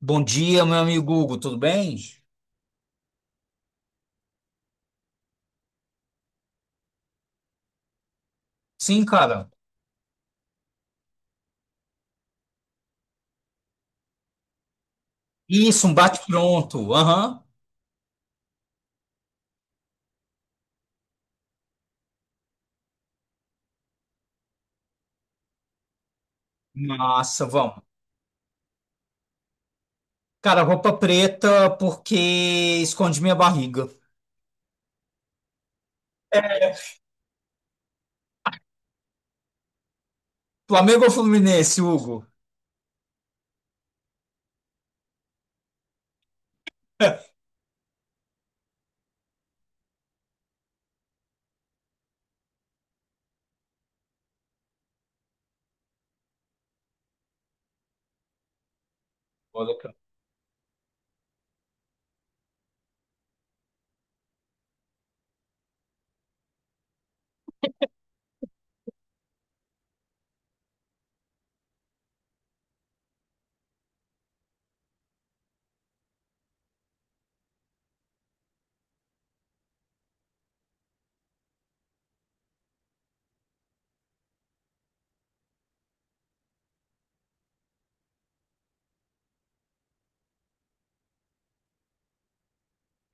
Bom dia, meu amigo Hugo, tudo bem? Sim, cara. Isso, um bate-pronto. Aham. Massa, vamos. Cara, roupa preta porque esconde minha barriga. Flamengo ou Fluminense, Hugo? Olha, cara,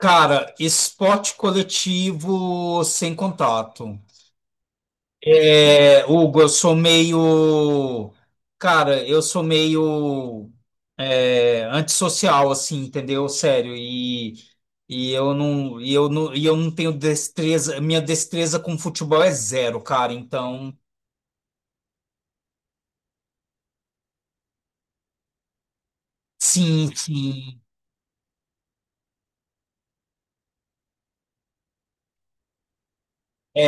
Esporte coletivo sem contato. É, Hugo, eu sou meio. Cara, eu sou meio. É, antissocial, assim, entendeu? Sério. E eu não tenho destreza. Minha destreza com futebol é zero, cara. Então, sim, sim.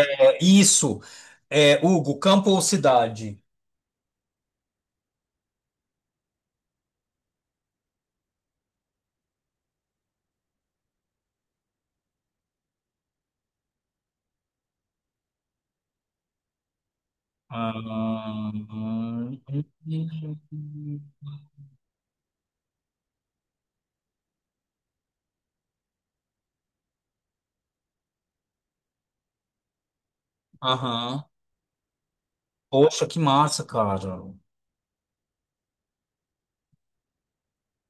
É isso. É, Hugo, campo ou cidade? Aham. Aham. Poxa, que massa, cara.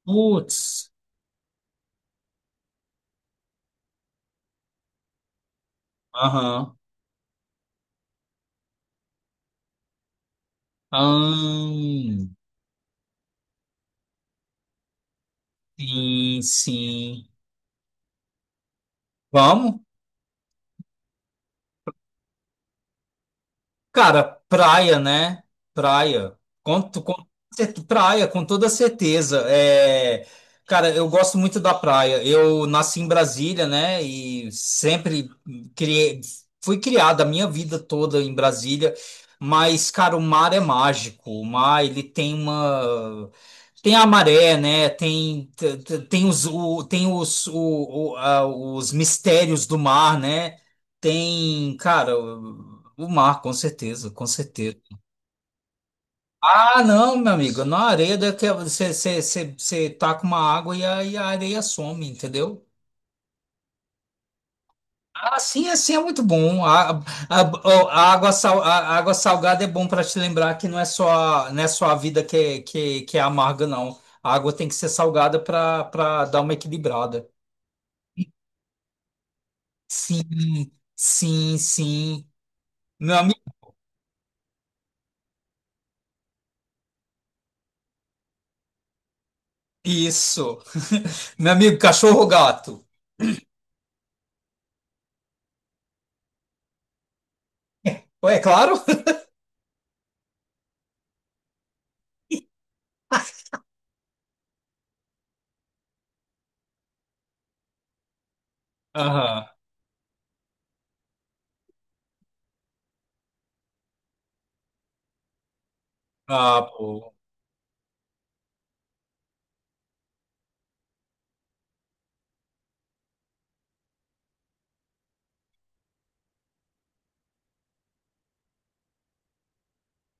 Putz. Aham. Ahn, sim, sim. Vamos. Cara, praia, né? Praia. Com praia, com toda certeza. É, cara, eu gosto muito da praia. Eu nasci em Brasília, né? E sempre criei, fui criada a minha vida toda em Brasília. Mas, cara, o mar é mágico. O mar, ele tem uma. Tem, a maré, né? Tem os, o, tem os, o- a- os mistérios do mar, né? Tem, cara, o mar, com certeza, com certeza. Ah, não, meu amigo, na areia daqui você taca uma água e a areia some, entendeu? Ah, sim, assim é muito bom. A, a água salgada é bom para te lembrar que não é só a vida que é amarga, não. A água tem que ser salgada para dar uma equilibrada. Sim, sim, sim. Meu amigo, isso. Meu amigo, cachorro ou gato? Ué, é claro. Aham. Ah, pô.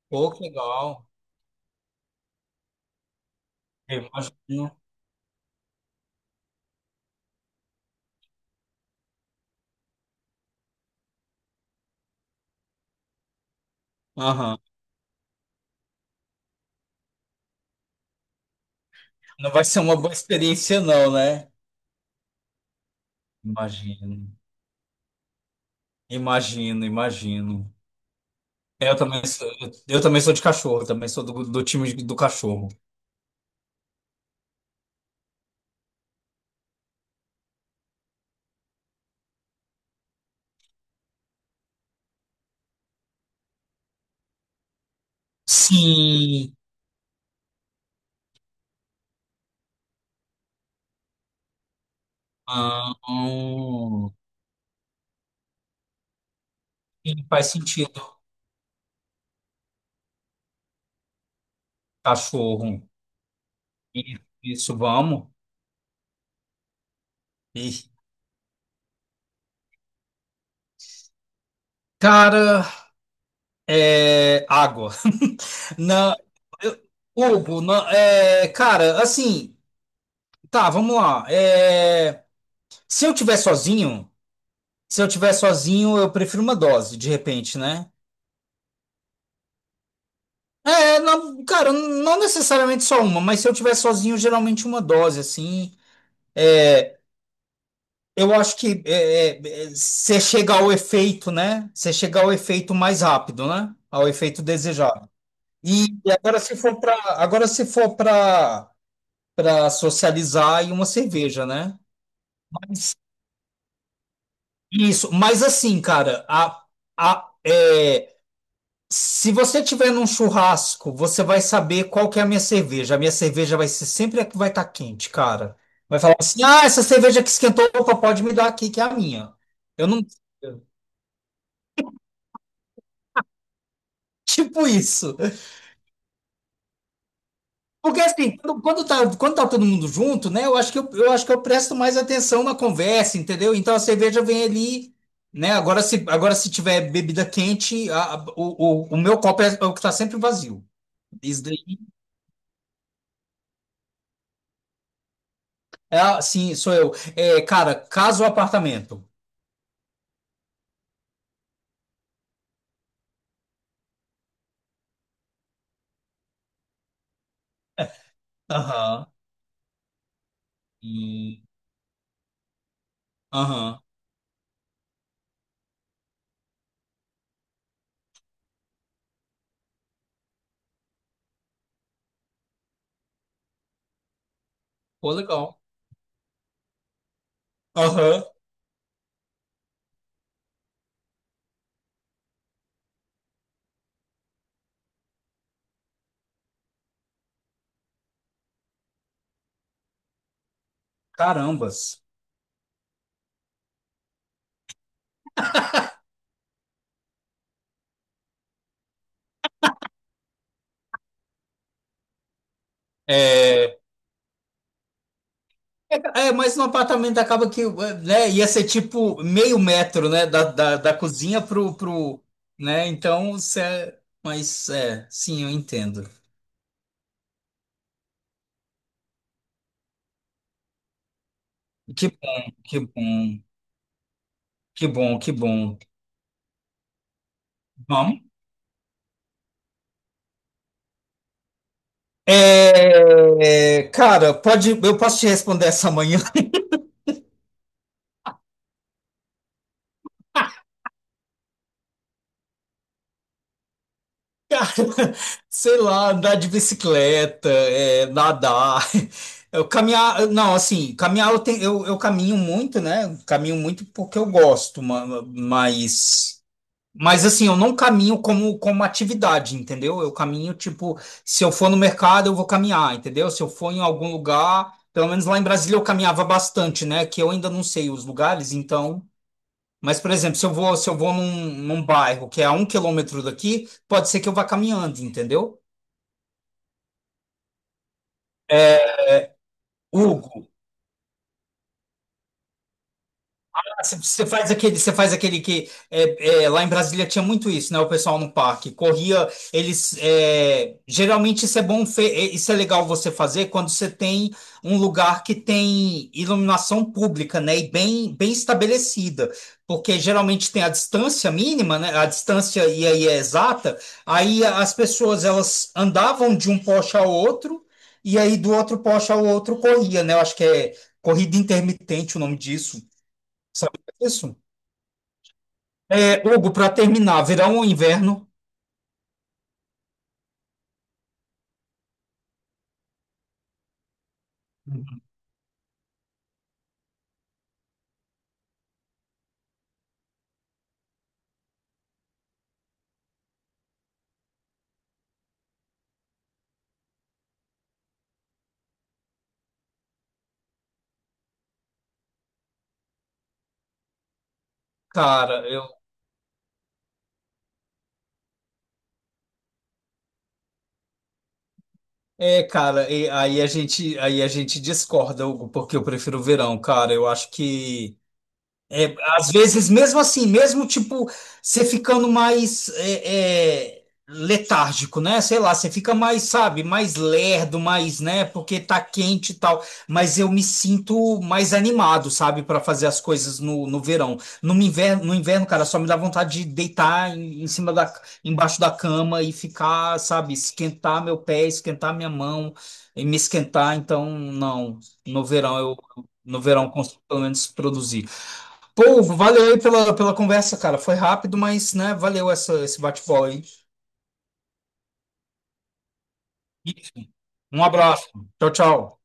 Pô, que legal. Eu imagino. Aham. Não vai ser uma boa experiência, não, né? Imagino. Imagino, imagino. Eu também sou, eu também sou de cachorro, também sou do time do cachorro. Sim. Ah. Sim, faz sentido. Cachorro. Isso, vamos. Ih. Cara, é água. Não, eu- Hugo, não, cara, assim. Tá, vamos lá. Se eu tiver sozinho, se eu tiver sozinho, eu prefiro uma dose, de repente, né? Não, cara, não necessariamente só uma, mas se eu tiver sozinho, geralmente uma dose, assim. É, Eu acho que você chega ao efeito, né? Você chega ao efeito mais rápido, né? Ao efeito desejado. E agora se for para socializar e uma cerveja, né? Mas- Isso. Mas assim, cara, a, é, se você tiver num churrasco, você vai saber qual que é a minha cerveja. A minha cerveja vai ser sempre a que vai estar quente, cara. Vai falar assim: ah, essa cerveja que esquentou, opa, pode me dar aqui, que é a minha. Eu não. Tipo isso. Porque assim, quando tá todo mundo junto, né? Eu acho que eu presto mais atenção na conversa, entendeu? Então a cerveja vem ali, né? Agora se tiver bebida quente, o meu copo é o que tá sempre vazio. Isso. Ah, sim, sou eu. Cara, casa ou apartamento? Aham. Hum. Aham. Pô, legal. Aham. Carambas. É, mas no apartamento acaba que, né, ia ser tipo meio metro, né, da cozinha pro, né, então, cê, mas, sim, eu entendo. Que bom, que bom, que bom, que bom. Vamos? Cara, eu posso te responder essa manhã? Sei lá, andar de bicicleta, nadar. Eu caminhar, não, assim, caminhar eu, eu caminho muito, né? Caminho muito porque eu gosto, mas assim, eu não caminho como atividade, entendeu? Eu caminho, tipo, se eu for no mercado, eu vou caminhar, entendeu? Se eu for em algum lugar, pelo menos lá em Brasília eu caminhava bastante, né? Que eu ainda não sei os lugares, então. Mas, por exemplo, se eu vou num bairro que é a 1 quilômetro daqui, pode ser que eu vá caminhando, entendeu? Hugo. Ah, você faz aquele que é, lá em Brasília tinha muito isso, né? O pessoal no parque corria, geralmente isso é bom, isso é legal você fazer quando você tem um lugar que tem iluminação pública, né? E bem, bem estabelecida, porque geralmente tem a distância mínima, né? A distância e aí é exata. Aí as pessoas elas andavam de um poste ao outro e aí do outro poste ao outro corria, né? Eu acho que é corrida intermitente o nome disso. Sabe isso? Hugo, para terminar, verão ou inverno? Cara, eu. Cara, aí a gente discorda, Hugo, porque eu prefiro o verão, cara. Eu acho que, às vezes, mesmo assim, mesmo tipo, você ficando mais letárgico, né? Sei lá, você fica mais, sabe, mais lerdo, mais, né? Porque tá quente e tal. Mas eu me sinto mais animado, sabe, para fazer as coisas no verão. No inverno, no inverno, cara, só me dá vontade de deitar embaixo da cama e ficar, sabe, esquentar meu pé, esquentar minha mão e me esquentar. Então, não, no verão eu, no verão eu consigo pelo menos produzir. Pô, valeu aí pela conversa, cara. Foi rápido, mas, né, valeu esse bate-bola aí. E um abraço. Tchau, tchau.